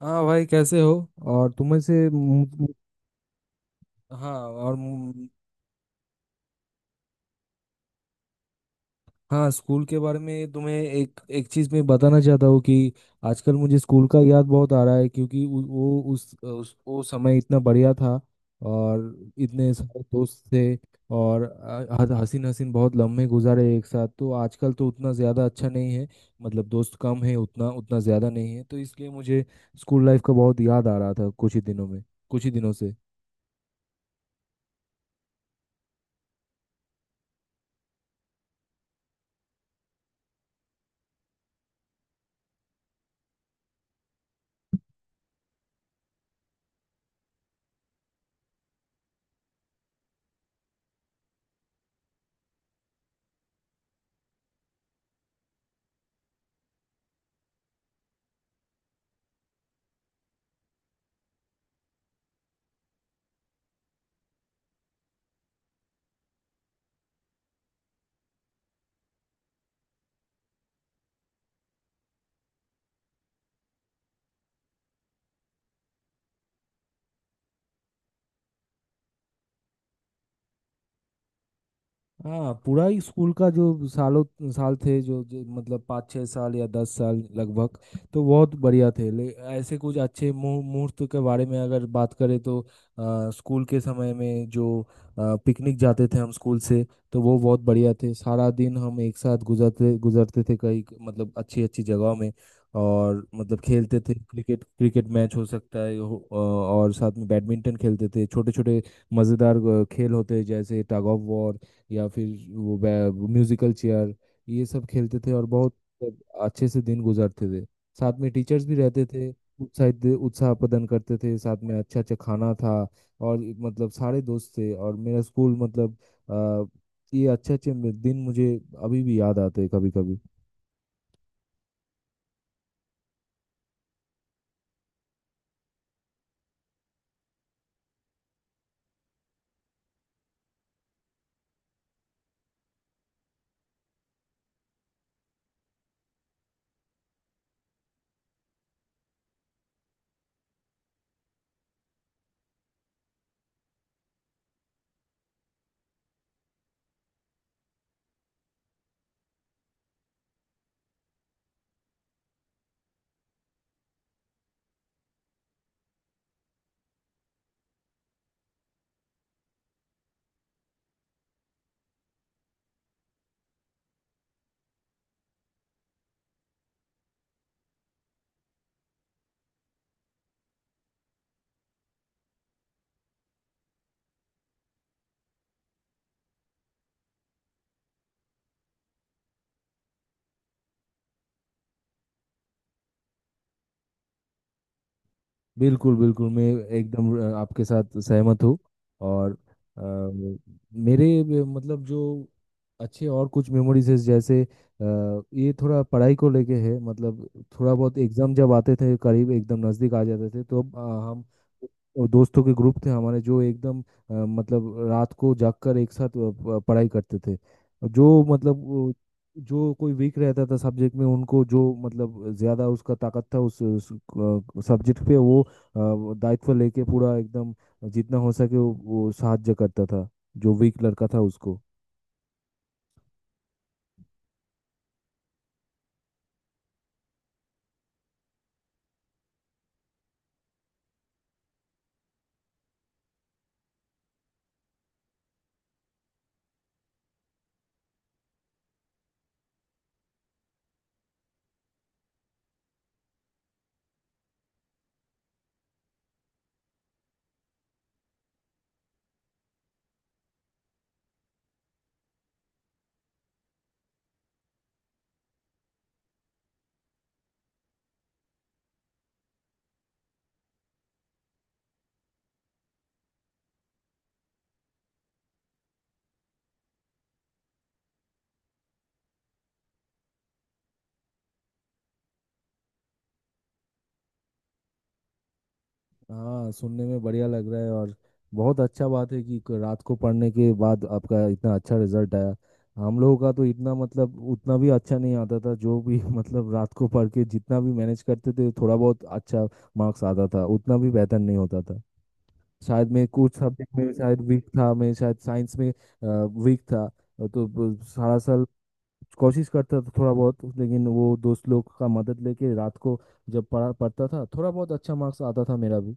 हाँ भाई, कैसे हो। और तुम्हें से मु- मु- हाँ और मु- हाँ, स्कूल के बारे में तुम्हें एक एक चीज़ मैं बताना चाहता हूँ कि आजकल मुझे स्कूल का याद बहुत आ रहा है, क्योंकि वो उस वो समय इतना बढ़िया था और इतने सारे दोस्त थे। और हसीन हसीन बहुत लम्हे गुजारे एक साथ, तो आजकल तो उतना ज़्यादा अच्छा नहीं है। मतलब दोस्त कम है, उतना उतना ज़्यादा नहीं है, तो इसलिए मुझे स्कूल लाइफ का बहुत याद आ रहा था कुछ ही दिनों में, कुछ ही दिनों से। हाँ, पूरा ही स्कूल का जो सालों साल थे, जो मतलब 5-6 साल या 10 साल लगभग, तो बहुत बढ़िया थे। ले ऐसे कुछ अच्छे मुहूर्त के बारे में अगर बात करें तो स्कूल के समय में जो पिकनिक जाते थे हम स्कूल से, तो वो बहुत बढ़िया थे। सारा दिन हम एक साथ गुजरते गुजरते थे कई, मतलब अच्छी अच्छी जगहों में, और मतलब खेलते थे क्रिकेट। क्रिकेट मैच हो सकता है और साथ में बैडमिंटन खेलते थे। छोटे छोटे मज़ेदार खेल होते हैं, जैसे टग ऑफ वॉर या फिर वो वो म्यूजिकल चेयर। ये सब खेलते थे और बहुत अच्छे से दिन गुजारते थे। साथ में टीचर्स भी रहते थे, उत्साह प्रदान करते थे। साथ में अच्छा अच्छा खाना था और एक मतलब सारे दोस्त थे, और मेरा स्कूल मतलब अ, ये अच्छे अच्छे दिन मुझे अभी भी याद आते हैं कभी कभी। बिल्कुल बिल्कुल, मैं एकदम आपके साथ सहमत हूँ। और मतलब जो अच्छे और कुछ मेमोरीज है, जैसे ये थोड़ा पढ़ाई को लेके है। मतलब थोड़ा बहुत एग्जाम जब आते थे, करीब एकदम नज़दीक आ जाते थे, तो हम और दोस्तों के ग्रुप थे हमारे, जो एकदम मतलब रात को जागकर एक साथ पढ़ाई करते थे। जो मतलब वो- जो कोई वीक रहता था सब्जेक्ट में, उनको जो मतलब ज्यादा उसका ताकत था उस सब्जेक्ट पे, वो वो दायित्व लेके पूरा एकदम जितना हो सके वो साहाଯ୍य करता था जो वीक लड़का था उसको। हाँ, सुनने में बढ़िया लग रहा है। और बहुत अच्छा बात है कि रात को पढ़ने के बाद आपका इतना अच्छा रिजल्ट आया। हम लोगों का तो इतना, मतलब उतना भी अच्छा नहीं आता था जो भी मतलब रात को पढ़ के जितना भी मैनेज करते थे, थोड़ा बहुत अच्छा मार्क्स आता था, उतना भी बेहतर नहीं होता था। शायद मैं कुछ सब्जेक्ट में शायद वीक था, मैं शायद साइंस में वीक था। तो सारा साल कोशिश करता था थोड़ा बहुत, लेकिन वो दोस्त लोग का मदद लेके रात को जब पढ़ा पढ़ता था, थोड़ा बहुत अच्छा मार्क्स आता था मेरा भी।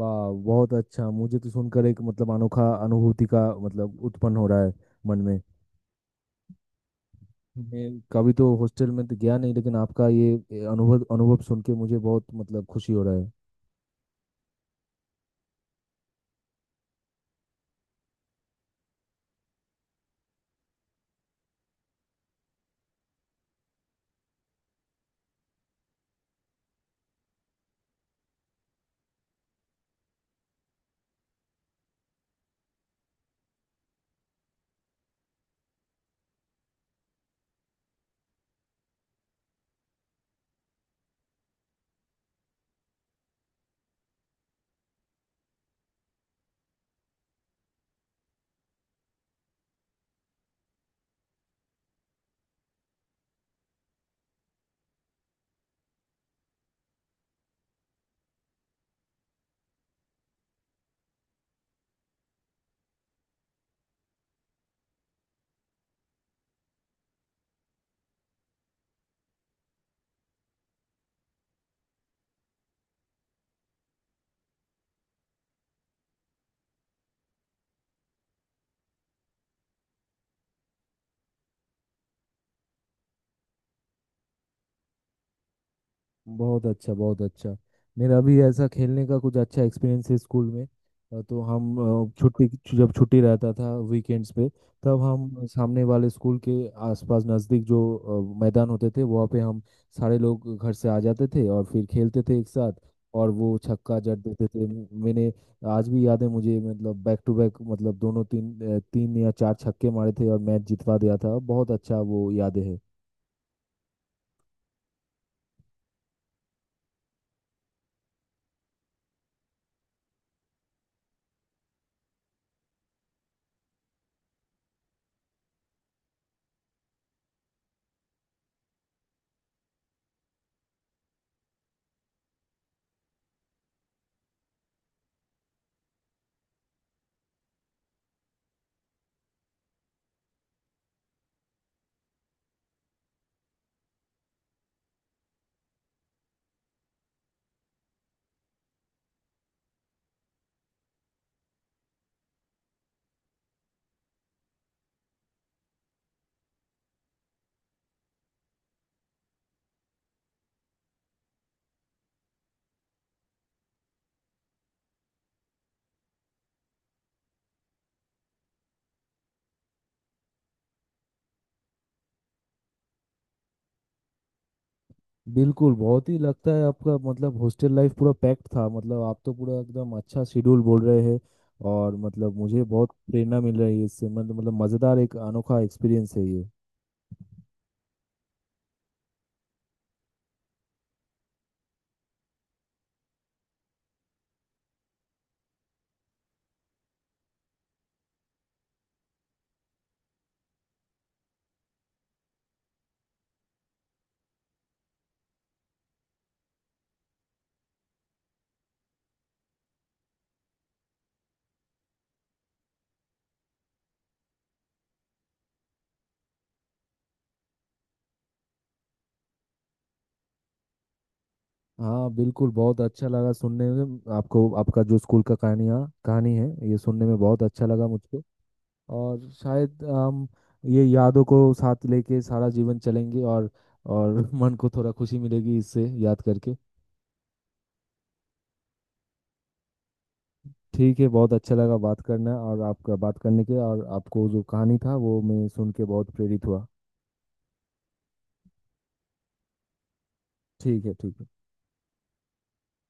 वाह, बहुत अच्छा। मुझे तो सुनकर एक मतलब अनोखा अनुभूति का मतलब उत्पन्न हो रहा है मन में। मैं कभी तो हॉस्टल में तो गया नहीं, लेकिन आपका ये अनुभव अनुभव सुन के मुझे बहुत मतलब खुशी हो रहा है। बहुत अच्छा, बहुत अच्छा। मेरा भी ऐसा खेलने का कुछ अच्छा एक्सपीरियंस है स्कूल में। तो हम, छुट्टी, जब छुट्टी रहता था वीकेंड्स पे, तब हम सामने वाले स्कूल के आसपास नज़दीक जो मैदान होते थे, वहाँ पे हम सारे लोग घर से आ जाते थे और फिर खेलते थे एक साथ। और वो छक्का जड़ देते थे। मैंने आज भी याद है मुझे, मतलब बैक टू बैक, मतलब दोनों तीन 3 या 4 छक्के मारे थे और मैच जितवा दिया था। बहुत अच्छा वो यादें है। बिल्कुल, बहुत ही लगता है आपका, मतलब हॉस्टल लाइफ पूरा पैक्ड था। मतलब आप तो पूरा एकदम अच्छा शेड्यूल बोल रहे हैं, और मतलब मुझे बहुत प्रेरणा मिल रही है इससे। मतलब मज़ेदार एक अनोखा एक्सपीरियंस है ये। हाँ बिल्कुल, बहुत अच्छा लगा सुनने में आपको, आपका जो स्कूल का कहानियाँ कहानी है, ये सुनने में बहुत अच्छा लगा मुझको। और शायद हम ये यादों को साथ लेके सारा जीवन चलेंगे। और मन को थोड़ा खुशी मिलेगी इससे याद करके। ठीक है, बहुत अच्छा लगा बात करना, और आपका बात करने के और आपको जो कहानी था वो मैं सुन के बहुत प्रेरित हुआ। ठीक है, ठीक है।